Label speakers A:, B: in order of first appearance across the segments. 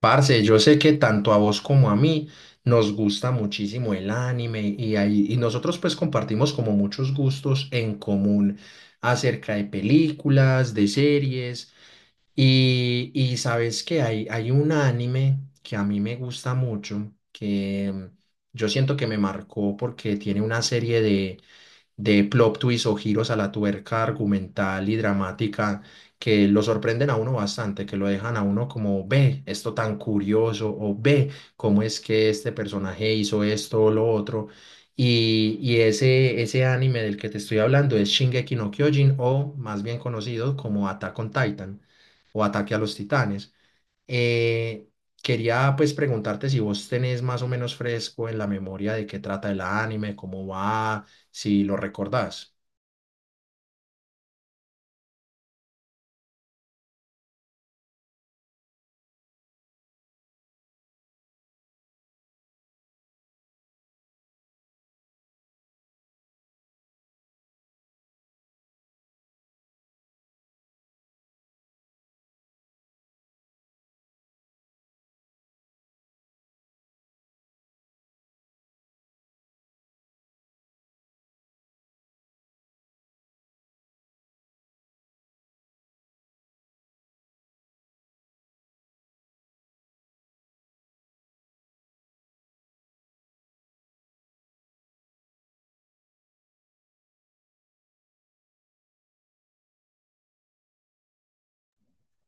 A: Parce, yo sé que tanto a vos como a mí nos gusta muchísimo el anime y nosotros pues compartimos como muchos gustos en común acerca de películas, de series y sabes que hay un anime que a mí me gusta mucho, que yo siento que me marcó porque tiene una serie de plot twists o giros a la tuerca argumental y dramática que lo sorprenden a uno bastante, que lo dejan a uno como, ve, esto tan curioso, o ve, cómo es que este personaje hizo esto o lo otro. Ese anime del que te estoy hablando es Shingeki no Kyojin, o más bien conocido como Attack on Titan, o Ataque a los Titanes. Eh, Quería pues preguntarte si vos tenés más o menos fresco en la memoria de qué trata el anime, cómo va, si lo recordás.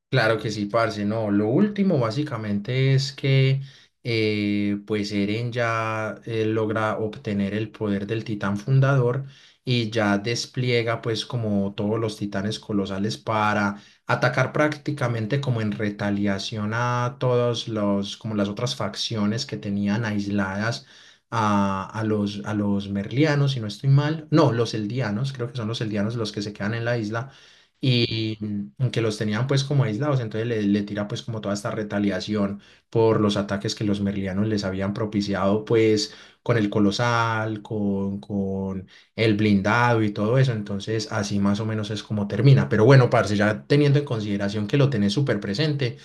A: Claro que sí, parce, no. Lo último básicamente es que pues Eren ya logra obtener el poder del titán fundador y ya despliega pues como todos los titanes colosales para atacar prácticamente como en retaliación a todos los como las otras facciones que tenían aisladas a los merlianos, si no estoy mal. No, los eldianos, creo que son los eldianos los que se quedan en la isla y que los tenían pues como aislados, entonces le tira pues como toda esta retaliación por los ataques que los merlianos les habían propiciado pues con el colosal, con el blindado y todo eso, entonces así más o menos es como termina, pero bueno, parce, ya teniendo en consideración que lo tenés súper presente,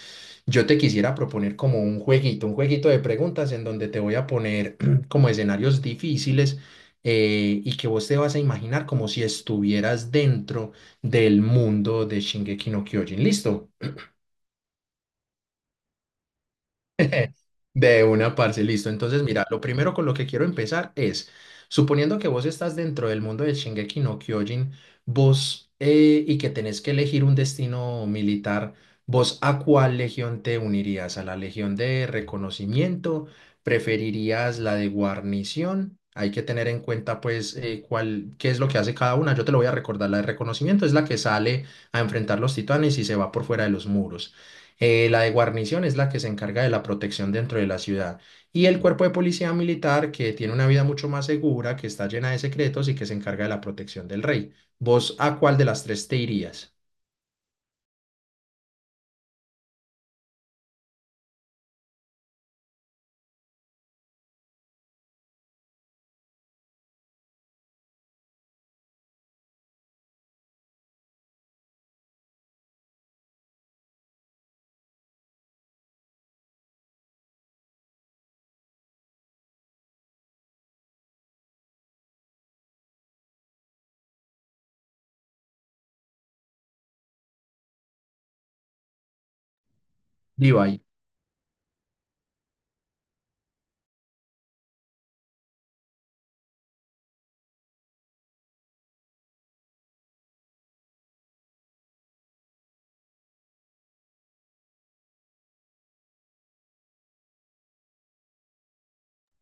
A: yo te quisiera proponer como un jueguito de preguntas en donde te voy a poner como escenarios difíciles y que vos te vas a imaginar como si estuvieras dentro del mundo de Shingeki no Kyojin. ¿Listo? De una, parce, listo. Entonces, mira, lo primero con lo que quiero empezar es, suponiendo que vos estás dentro del mundo de Shingeki no Kyojin, vos y que tenés que elegir un destino militar, ¿vos a cuál legión te unirías? ¿A la legión de reconocimiento? ¿Preferirías la de guarnición? Hay que tener en cuenta, pues, cuál, qué es lo que hace cada una. Yo te lo voy a recordar. La de reconocimiento es la que sale a enfrentar los titanes y se va por fuera de los muros. La de guarnición es la que se encarga de la protección dentro de la ciudad. Y el cuerpo de policía militar, que tiene una vida mucho más segura, que está llena de secretos y que se encarga de la protección del rey. ¿Vos a cuál de las tres te irías? Diva.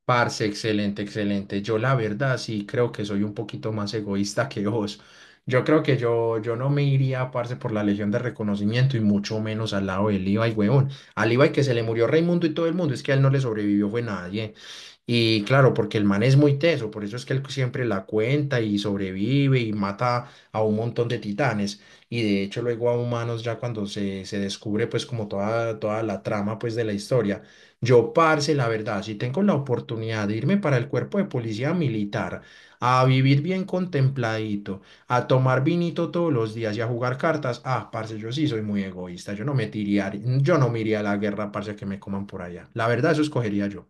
A: Parce, excelente, excelente. Yo la verdad sí creo que soy un poquito más egoísta que vos. Yo creo que yo no me iría, parce, por la Legión de Reconocimiento y mucho menos al lado del Ibai, huevón. Al Ibai que se le murió Raimundo y todo el mundo, es que a él no le sobrevivió fue nadie. Y claro, porque el man es muy teso, por eso es que él siempre la cuenta y sobrevive y mata a un montón de titanes. Y de hecho luego a humanos ya cuando se descubre pues como toda, toda la trama pues de la historia. Yo, parce, la verdad, si tengo la oportunidad de irme para el cuerpo de policía militar, a vivir bien contempladito, a tomar vinito todos los días y a jugar cartas, ah, parce, yo sí soy muy egoísta, yo no me tiraría, yo no me iría a la guerra, parce, que me coman por allá. La verdad, eso escogería yo.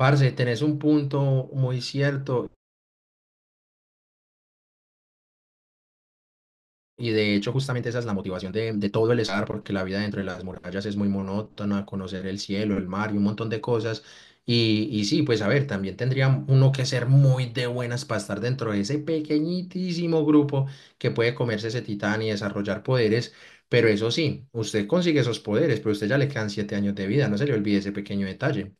A: Parce, tenés un punto muy cierto. Y de hecho, justamente esa es la motivación de todo el estar, porque la vida dentro de las murallas es muy monótona, conocer el cielo, el mar y un montón de cosas. Pues a ver, también tendría uno que ser muy de buenas para estar dentro de ese pequeñitísimo grupo que puede comerse ese titán y desarrollar poderes. Pero eso sí, usted consigue esos poderes, pero a usted ya le quedan 7 años de vida, no se le olvide ese pequeño detalle.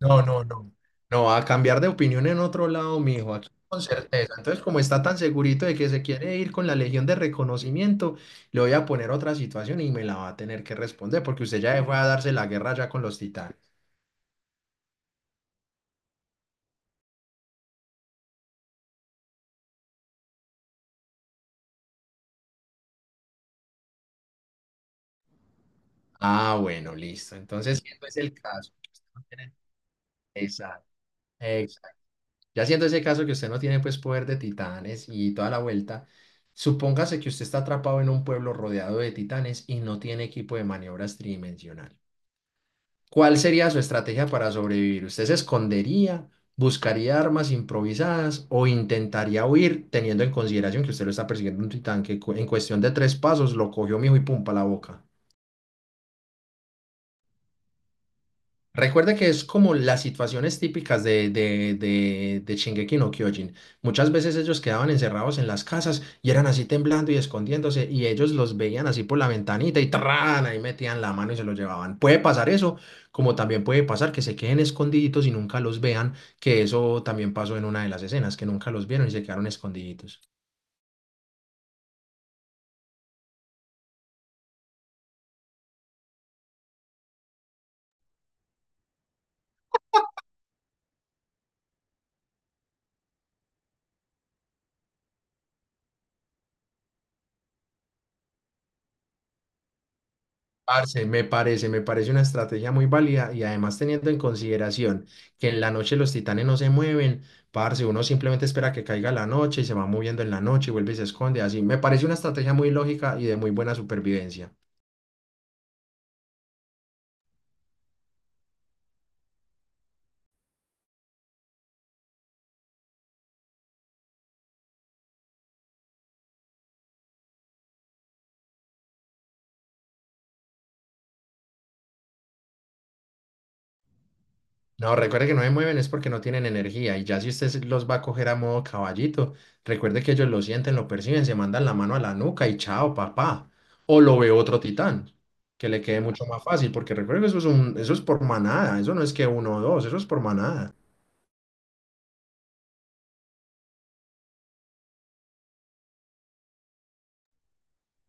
A: No, no, no. No, a cambiar de opinión en otro lado, mijo, aquí con certeza. Entonces, como está tan segurito de que se quiere ir con la Legión de Reconocimiento, le voy a poner otra situación y me la va a tener que responder, porque usted ya fue a darse la guerra ya con los titanes. Ah, bueno, listo. Entonces, siendo ese el caso que usted no tiene- Exacto, exacto. Ya siendo ese caso que usted no tiene pues poder de titanes y toda la vuelta, supóngase que usted está atrapado en un pueblo rodeado de titanes y no tiene equipo de maniobras tridimensional. ¿Cuál sería su estrategia para sobrevivir? ¿Usted se escondería, buscaría armas improvisadas o intentaría huir teniendo en consideración que usted lo está persiguiendo un titán que cu- en cuestión de tres pasos lo cogió mijo y pum pa' la boca? Recuerda que es como las situaciones típicas de Shingeki no Kyojin. Muchas veces ellos quedaban encerrados en las casas y eran así temblando y escondiéndose y ellos los veían así por la ventanita y ¡tarán! Ahí metían la mano y se los llevaban. Puede pasar eso, como también puede pasar que se queden escondiditos y nunca los vean, que eso también pasó en una de las escenas, que nunca los vieron y se quedaron escondiditos. Parce, me parece una estrategia muy válida y además teniendo en consideración que en la noche los titanes no se mueven, parce, uno simplemente espera que caiga la noche y se va moviendo en la noche y vuelve y se esconde, así. Me parece una estrategia muy lógica y de muy buena supervivencia. No, recuerde que no se mueven es porque no tienen energía y ya si usted se- los va a coger a modo caballito, recuerde que ellos lo sienten, lo perciben, se mandan la mano a la nuca y chao, papá. O lo ve otro titán, que le quede mucho más fácil, porque recuerde que eso es un, eso es por manada, eso no es que uno o dos, eso es por manada.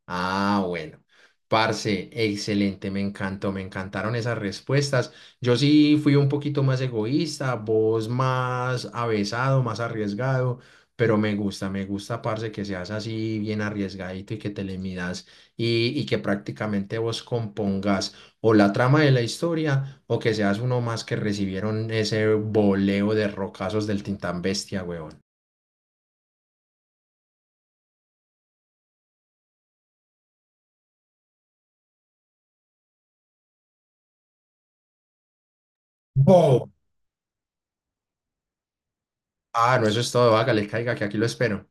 A: Ah, bueno. Parce, excelente, me encantó, me encantaron esas respuestas. Yo sí fui un poquito más egoísta, vos más avesado, más arriesgado, pero me gusta, parce, que seas así bien arriesgadito y que te le midas y que prácticamente vos compongas o la trama de la historia o que seas uno más que recibieron ese voleo de rocazos del Tintán Bestia, weón. Bo. Ah, no, eso es todo, hágale, caiga, que aquí lo espero.